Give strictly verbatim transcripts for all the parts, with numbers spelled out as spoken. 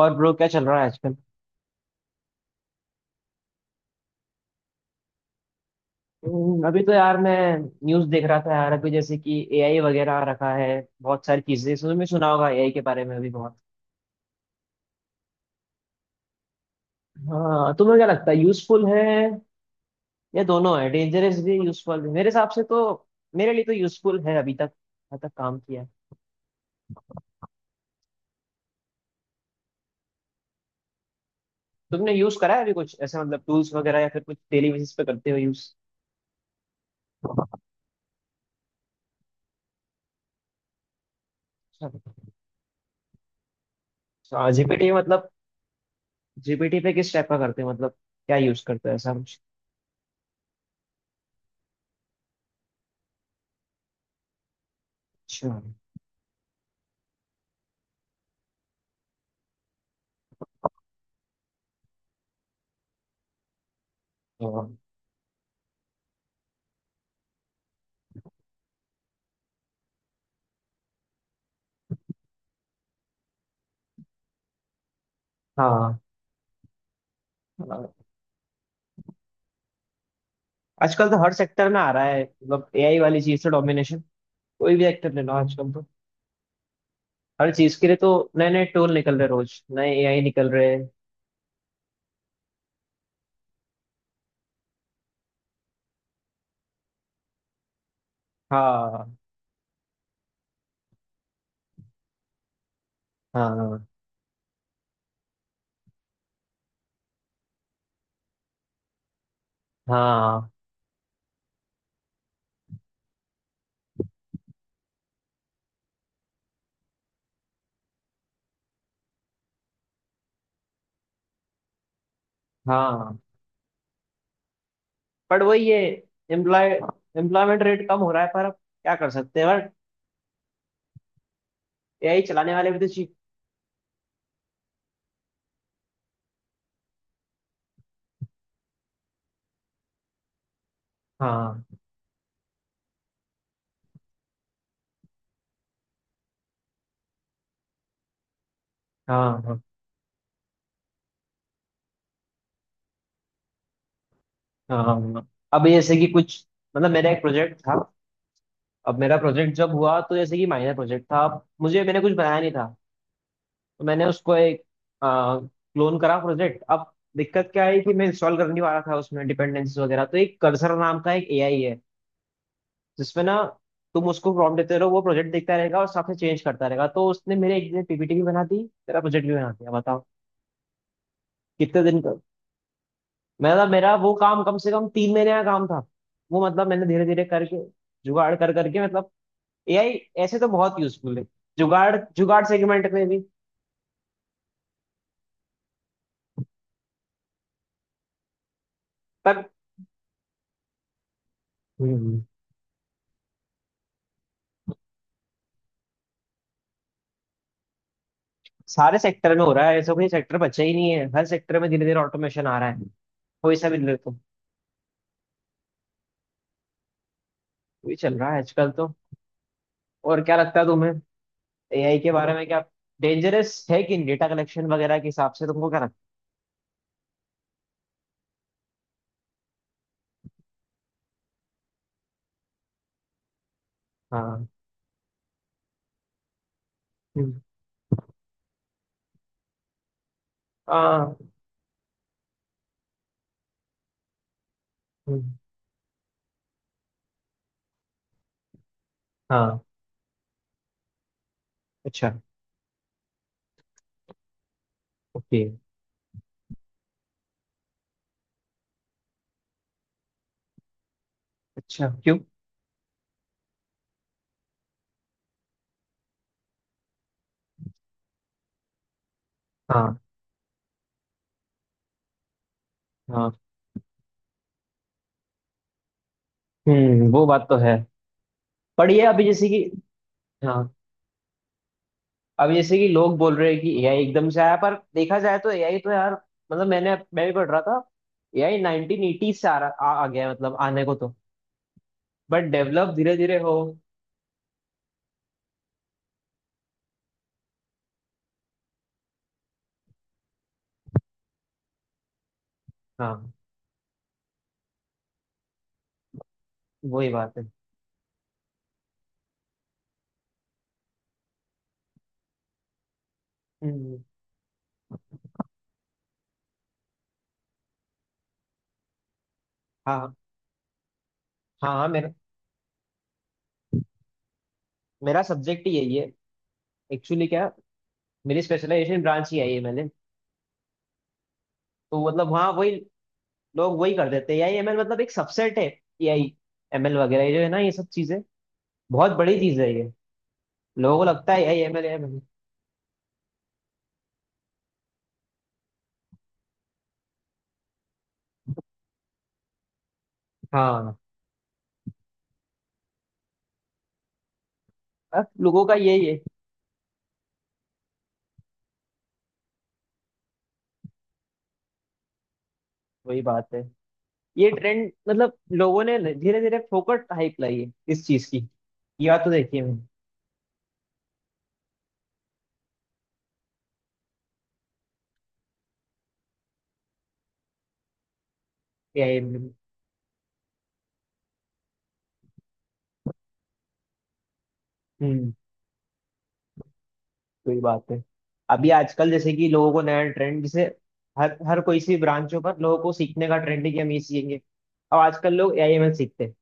और ब्रो क्या चल रहा है आजकल? हम्म, अभी तो यार मैं न्यूज़ देख रहा था यार। अभी जैसे कि एआई वगैरह आ रखा है। बहुत सारी चीजें तुमने सुना होगा एआई के बारे में भी बहुत। हाँ, तुम्हें क्या लगता है यूजफुल है या दोनों है, डेंजरस भी यूजफुल भी? मेरे हिसाब से तो मेरे लिए तो यूजफुल है अभी तक। अभी तक काम किया है। तुमने यूज करा है अभी कुछ ऐसे मतलब टूल्स वगैरह या फिर कुछ डेली बेसिस पे करते हो यूज? अच्छा, जीपीटी मतलब? जीपीटी पे किस टाइप का करते हो मतलब क्या यूज करते हो ऐसा कुछ? अच्छा। हाँ। हाँ, आजकल तो हर सेक्टर में आ रहा है मतलब एआई वाली चीज से डोमिनेशन। कोई भी सेक्टर ले लो आजकल तो। हर चीज के लिए तो नए नए टूल निकल रहे, रोज नए एआई निकल रहे हैं। हाँ, हाँ, हाँ, हाँ। पर वही है। एम्प्लॉय एम्प्लॉयमेंट रेट कम हो रहा है पर अब क्या कर सकते हैं बट। एआई चलाने वाले भी तो चाहिए। हाँ, हाँ, हाँ, हाँ, हाँ। अब जैसे कि कुछ मतलब मेरा एक प्रोजेक्ट था। अब मेरा प्रोजेक्ट जब हुआ तो जैसे कि माइनर प्रोजेक्ट था। अब मुझे मैंने कुछ बनाया नहीं था तो मैंने उसको एक क्लोन करा प्रोजेक्ट। अब दिक्कत क्या है कि मैं इंस्टॉल कर नहीं पा रहा था उसमें डिपेंडेंसीज वगैरह। तो एक कर्सर नाम का एक एआई है जिसमें ना तुम उसको प्रॉम्प्ट देते रहो, वो प्रोजेक्ट देखता रहेगा और साथ में चेंज करता रहेगा। तो उसने मेरे एक दिन पीपीटी भी बना दी, तेरा प्रोजेक्ट भी बना दिया, बताओ कितने दिन का। मेरा मेरा वो काम कम से कम तीन महीने का काम था। वो मतलब मैंने धीरे धीरे करके जुगाड़ कर करके मतलब एआई ऐसे तो बहुत यूजफुल है, जुगाड़ जुगाड़ सेगमेंट में भी। पर सारे सेक्टर में हो रहा है, ऐसा कोई सेक्टर बचा ही नहीं है। हर सेक्टर में धीरे धीरे ऑटोमेशन आ रहा है, कोई सा भी ले तो। वही चल रहा है आजकल तो। और क्या लगता है तुम्हें एआई के बारे में, क्या डेंजरस है कि डेटा कलेक्शन वगैरह के हिसाब से? तुमको क्या लगता है? हाँ। हम्म। हाँ। हम्म। हाँ। अच्छा। ओके। अच्छा, क्यों? हाँ। हाँ। हम्म वो बात तो है। पर ये अभी जैसे कि हाँ, अभी जैसे कि लोग बोल रहे हैं कि एआई एकदम से आया, पर देखा जाए तो एआई तो यार मतलब मैंने मैं भी पढ़ रहा था एआई नाइनटीन एटी से आ, रहा- आ, आ गया है, मतलब आने को तो, बट डेवलप धीरे धीरे हो। हाँ, वही बात है। हम्म, हाँ, हाँ हाँ मेरा मेरा सब्जेक्ट ही यही है एक्चुअली, क्या मेरी स्पेशलाइजेशन ब्रांच ही आई है मैंने। तो मतलब वहाँ वही लोग, वही कर देते हैं एआई एमएल मतलब एक सबसेट है। एआई, एमएल वगैरह ये जो है ना ये सब चीजें बहुत बड़ी चीज है ये। लोगों को लगता है एआई एमएल एमएल। हाँ, अब लोगों का यही है, वही बात है। ये ट्रेंड मतलब लोगों ने धीरे धीरे फोकट हाइप लाई है इस चीज की, या तो देखिए एआई। हम्म। कोई बात है। अभी आजकल जैसे कि लोगों को नया ट्रेंड, जैसे हर हर कोई सी ब्रांचों पर लोगों को सीखने का ट्रेंड है कि हम ये सीखेंगे। अब आजकल लोग एआई एमएल सीखते हैं।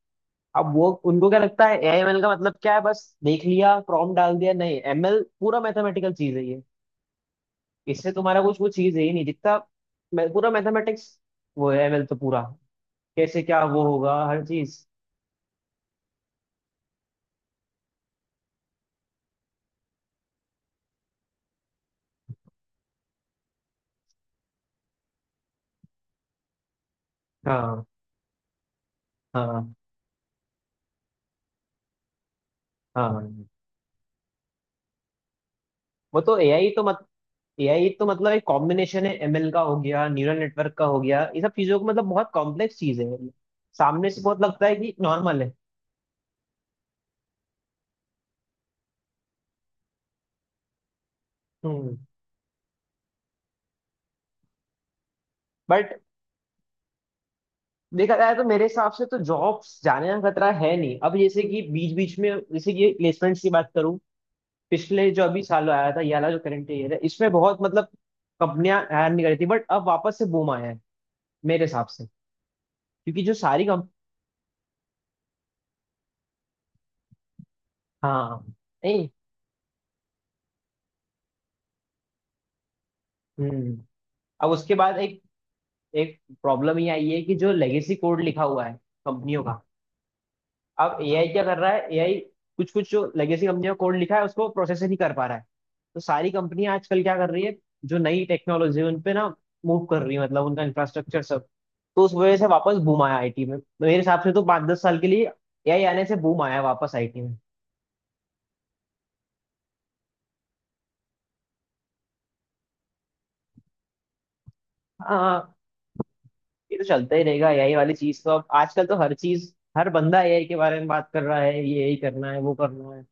अब वो उनको क्या लगता है एआई एमएल का मतलब क्या है? बस देख लिया प्रॉम्प्ट डाल दिया? नहीं, एमएल पूरा मैथमेटिकल चीज है ये। इससे तुम्हारा कुछ कुछ चीज है ही नहीं जितना मैं- पूरा मैथमेटिक्स वो है एमएल, तो पूरा कैसे क्या वो होगा हर चीज। हाँ, हाँ, हाँ। वो तो एआई तो एआई तो मतलब एक कॉम्बिनेशन है, एमएल का हो गया, न्यूरल नेटवर्क का हो गया, ये सब चीजों को मतलब बहुत कॉम्प्लेक्स चीज है मतलब सामने से बहुत लगता है कि नॉर्मल है। हम्म। बट देखा जाए तो मेरे हिसाब से तो जॉब्स जाने का खतरा है नहीं, अब जैसे कि बीच बीच में जैसे कि प्लेसमेंट्स की बात करूं, पिछले जो अभी साल आया था, ये वाला जो करंट ईयर है, इसमें बहुत मतलब कंपनियां हायर नहीं कर रही थी बट अब वापस से बूम आया है मेरे हिसाब से। क्योंकि जो सारी कंप। हाँ। नहीं। हम्म। अब उसके बाद एक एक प्रॉब्लम ये आई है कि जो लेगेसी कोड लिखा हुआ है कंपनियों का। अब एआई क्या कर रहा है, एआई कुछ कुछ जो लेगेसी कंपनियों का कोड लिखा है उसको प्रोसेस ही नहीं कर पा रहा है। तो सारी कंपनियां आजकल क्या कर रही है, जो नई टेक्नोलॉजी है उन पे ना मूव कर रही है, मतलब उनका इंफ्रास्ट्रक्चर सब। तो उस वजह से वापस बूम आया आईटी में मेरे हिसाब से तो पाँच दस साल के लिए, एआई आने से बूम आया वापस आईटी में। हाँ, ये तो चलता ही रहेगा एआई वाली चीज तो। अब आजकल तो हर चीज, हर बंदा एआई के बारे में बात कर रहा है, ये यही करना है वो करना है।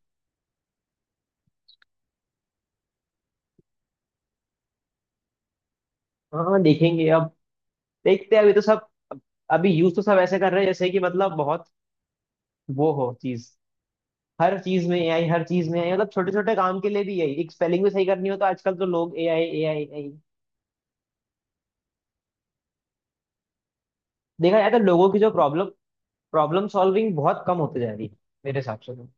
हाँ, देखेंगे अब, देखते हैं। अभी तो सब अभी यूज तो सब ऐसे कर रहे हैं जैसे कि मतलब बहुत वो हो चीज, हर चीज में एआई, हर चीज में एआई मतलब छोटे छोटे काम के लिए भी यही, एक स्पेलिंग भी सही करनी हो तो आजकल तो लोग एआई एआई एआई। देखा जाए तो लोगों की जो प्रॉब्लम प्रॉब्लम सॉल्विंग बहुत कम होती जा रही है मेरे हिसाब से तो।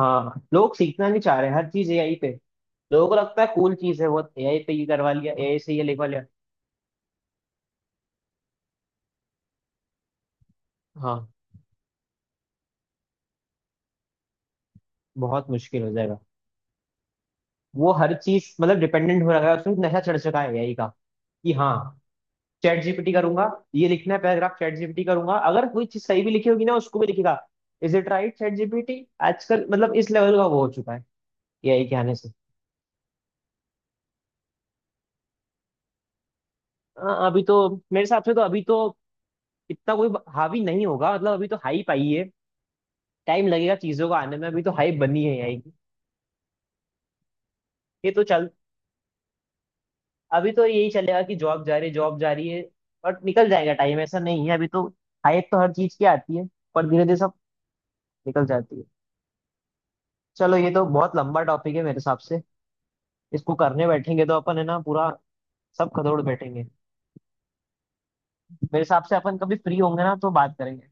हाँ, लोग सीखना नहीं चाह रहे हैं, हर चीज एआई पे, लोगों को लगता है कूल चीज है बहुत, एआई पे ये करवा लिया, एआई से ये लिखवा लिया। हाँ, बहुत मुश्किल हो जाएगा। वो हर चीज मतलब डिपेंडेंट हो रहा है, उसमें नशा चढ़ चुका है एआई का कि हाँ चैट जीपीटी करूंगा, ये लिखना है पैराग्राफ चैट जीपीटी करूंगा, अगर कोई चीज सही भी लिखी होगी ना उसको भी लिखेगा is it right chat GPT. आजकल मतलब इस लेवल का वो हो चुका है एआई के आने से। हाँ, अभी तो मेरे हिसाब से तो अभी तो इतना कोई हावी नहीं होगा, मतलब अभी तो हाइप आई है। टाइम लगेगा चीजों को आने में, अभी तो हाइप बनी है एआई की। ये तो चल, अभी तो यही चलेगा कि जॉब जा रही है, जॉब जा रही है बट निकल जाएगा टाइम, ऐसा नहीं है अभी तो। हाइप तो हर चीज की आती है पर धीरे धीरे सब निकल जाती है। चलो, ये तो बहुत लंबा टॉपिक है मेरे हिसाब से, इसको करने बैठेंगे तो अपन है ना पूरा सब खदोड़ बैठेंगे। मेरे हिसाब से अपन कभी फ्री होंगे ना तो बात करेंगे।